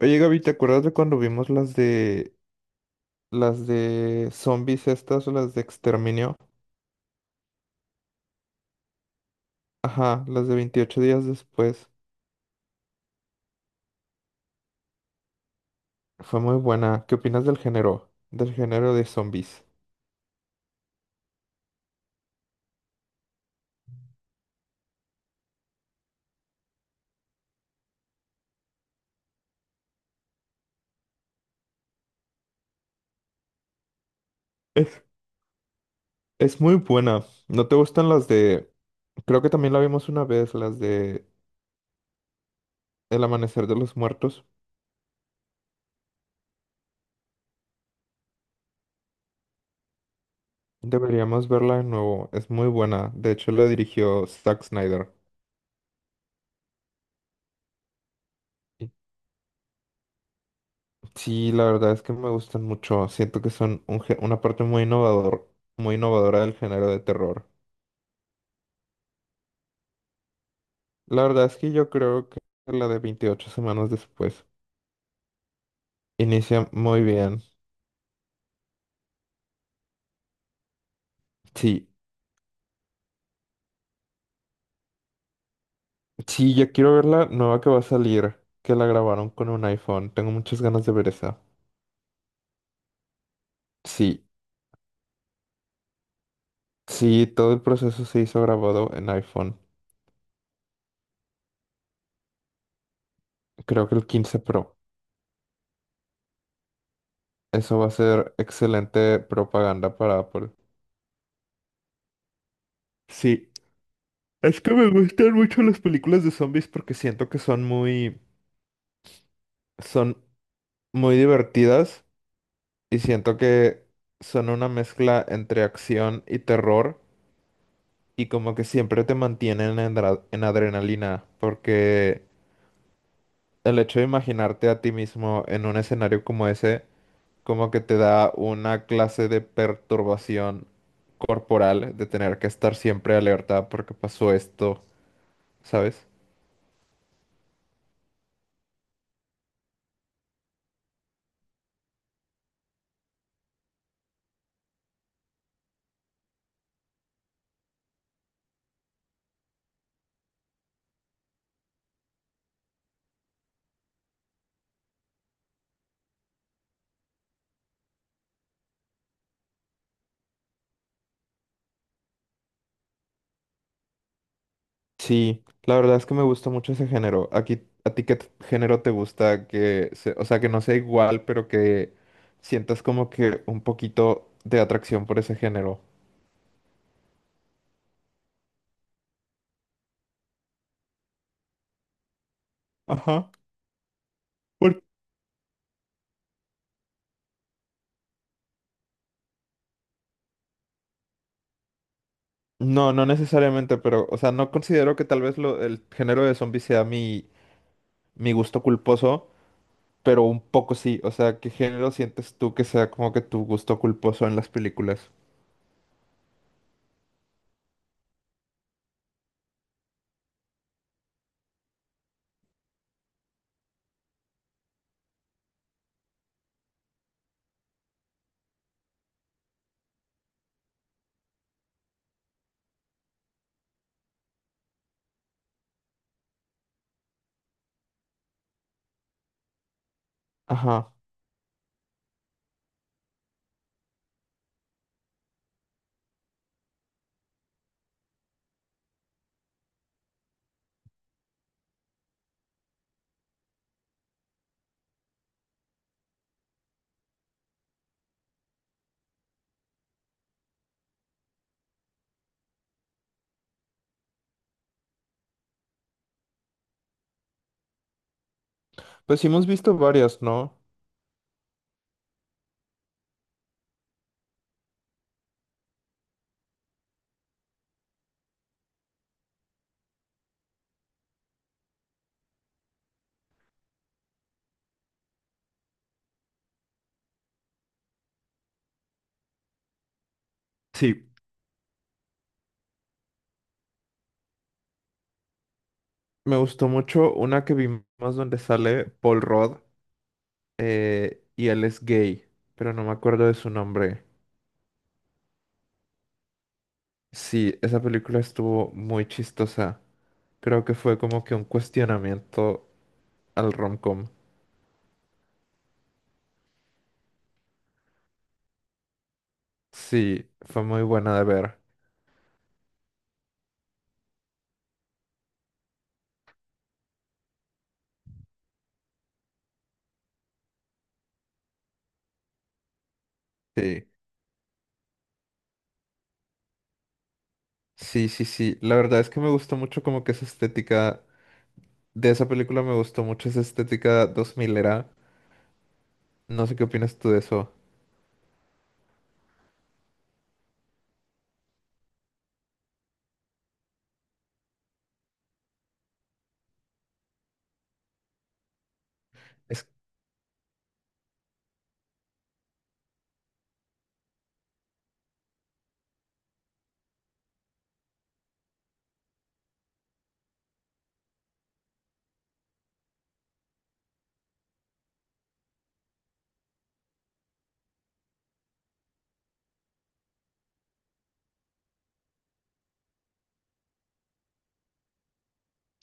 Oye, Gaby, ¿te acuerdas de cuando vimos las de zombies estas o las de exterminio? Ajá, las de 28 días después. Fue muy buena. ¿Qué opinas del género? Del género de zombies. Es, es muy buena. ¿No te gustan las de... Creo que también la vimos una vez, las de El amanecer de los muertos. Deberíamos verla de nuevo. Es muy buena. De hecho, la dirigió Zack Snyder. Sí, la verdad es que me gustan mucho. Siento que son una parte muy innovador, muy innovadora del género de terror. La verdad es que yo creo que la de 28 semanas después inicia muy bien. Sí, sí, yo quiero ver la nueva que va a salir, que la grabaron con un iPhone. Tengo muchas ganas de ver esa. Sí, sí, todo el proceso se hizo grabado en iPhone. Creo que el 15 Pro. Eso va a ser excelente propaganda para Apple. Sí. Es que me gustan mucho las películas de zombies porque siento que son muy divertidas y siento que son una mezcla entre acción y terror y como que siempre te mantienen en adrenalina porque el hecho de imaginarte a ti mismo en un escenario como ese como que te da una clase de perturbación corporal de tener que estar siempre alerta porque pasó esto, ¿sabes? Sí, la verdad es que me gusta mucho ese género. Aquí, ¿a ti género te gusta que, o sea, que no sea igual, pero que sientas como que un poquito de atracción por ese género? Ajá. Por- No, no necesariamente, pero, o sea, no considero que tal vez el género de zombies sea mi gusto culposo, pero un poco sí. O sea, ¿qué género sientes tú que sea como que tu gusto culposo en las películas? Ajá. Pues sí hemos visto varias, ¿no? Sí. Me gustó mucho una que vimos donde sale Paul Rudd y él es gay, pero no me acuerdo de su nombre. Sí, esa película estuvo muy chistosa. Creo que fue como que un cuestionamiento al romcom. Sí, fue muy buena de ver. Sí, sí, sí, sí. La verdad es que me gustó mucho como que esa estética de esa película, me gustó mucho esa estética 2000era. No sé qué opinas tú de eso.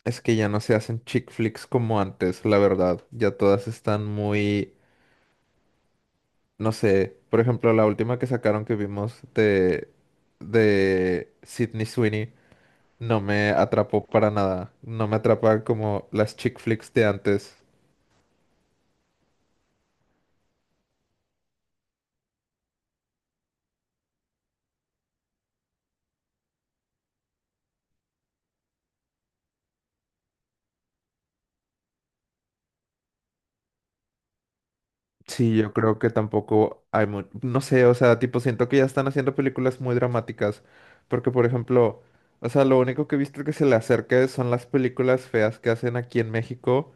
Es que ya no se hacen chick flicks como antes, la verdad. Ya todas están muy, no sé, por ejemplo, la última que sacaron que vimos de Sydney Sweeney no me atrapó para nada. No me atrapa como las chick flicks de antes. Sí, yo creo que tampoco hay no sé, o sea, tipo siento que ya están haciendo películas muy dramáticas, porque por ejemplo, o sea, lo único que he visto que se le acerca son las películas feas que hacen aquí en México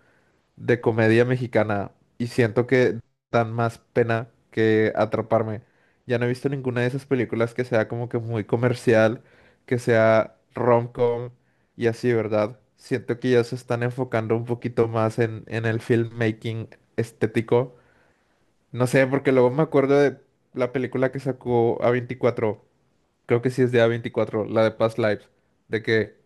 de comedia mexicana y siento que dan más pena que atraparme. Ya no he visto ninguna de esas películas que sea como que muy comercial, que sea rom-com y así, ¿verdad? Siento que ya se están enfocando un poquito más en el filmmaking estético. No sé, porque luego me acuerdo de la película que sacó a veinticuatro, creo que sí es de a veinticuatro la de Past Lives, de que...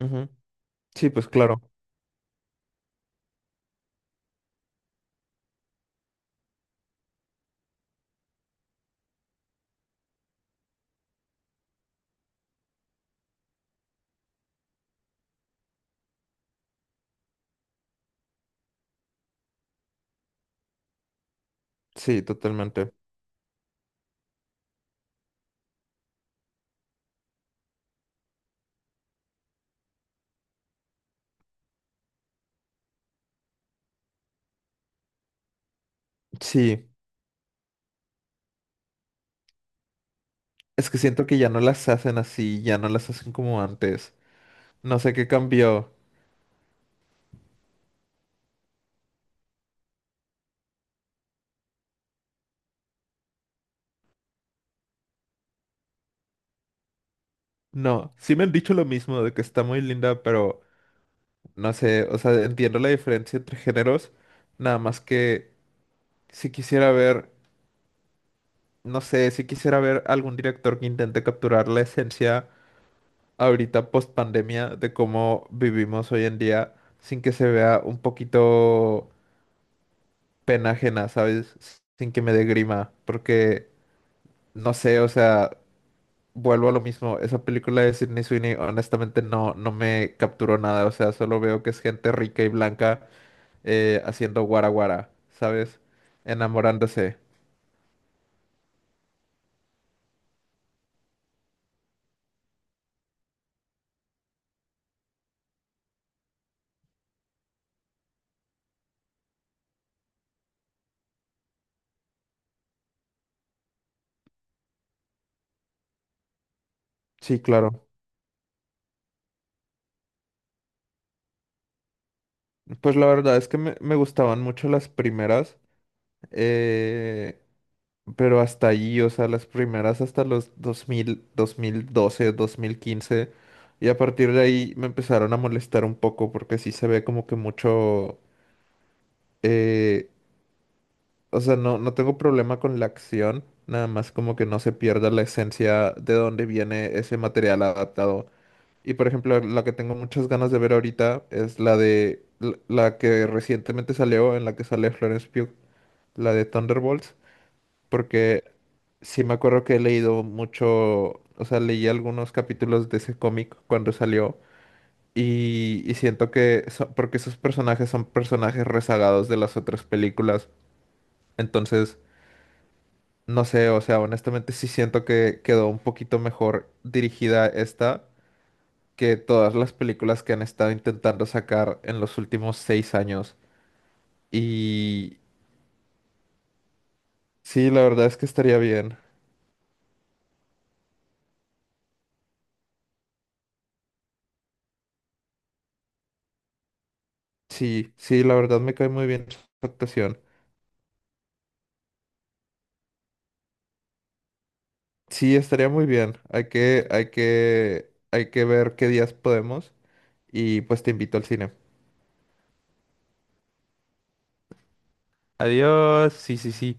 Ujú. Sí, pues claro, sí, totalmente. Sí. Es que siento que ya no las hacen así, ya no las hacen como antes. No sé qué cambió. No, sí me han dicho lo mismo de que está muy linda, pero no sé, o sea, entiendo la diferencia entre géneros, nada más que si quisiera ver, no sé, si quisiera ver algún director que intente capturar la esencia ahorita post pandemia de cómo vivimos hoy en día sin que se vea un poquito pena ajena, ¿sabes? Sin que me dé grima, porque no sé, o sea, vuelvo a lo mismo, esa película de Sydney Sweeney honestamente no, no me capturó nada, o sea, solo veo que es gente rica y blanca haciendo guara guara, ¿sabes? Enamorándose. Sí, claro. Pues la verdad es que me gustaban mucho las primeras, eh, pero hasta allí, o sea, las primeras hasta los 2000, 2012, 2015, y a partir de ahí me empezaron a molestar un poco porque sí se ve como que mucho... eh, o sea, no, no tengo problema con la acción, nada más como que no se pierda la esencia de dónde viene ese material adaptado. Y por ejemplo, la que tengo muchas ganas de ver ahorita es la de la que recientemente salió, en la que sale Florence Pugh, la de Thunderbolts, porque sí me acuerdo que he leído mucho, o sea, leí algunos capítulos de ese cómic cuando salió y siento que, porque esos personajes son personajes rezagados de las otras películas, entonces... No sé, o sea, honestamente sí siento que quedó un poquito mejor dirigida esta que todas las películas que han estado intentando sacar en los últimos 6 años. Y sí, la verdad es que estaría bien. Sí, sí, la verdad me cae muy bien su actuación. Sí, estaría muy bien. Hay que ver qué días podemos y pues te invito al cine. Adiós, sí, sí, sí.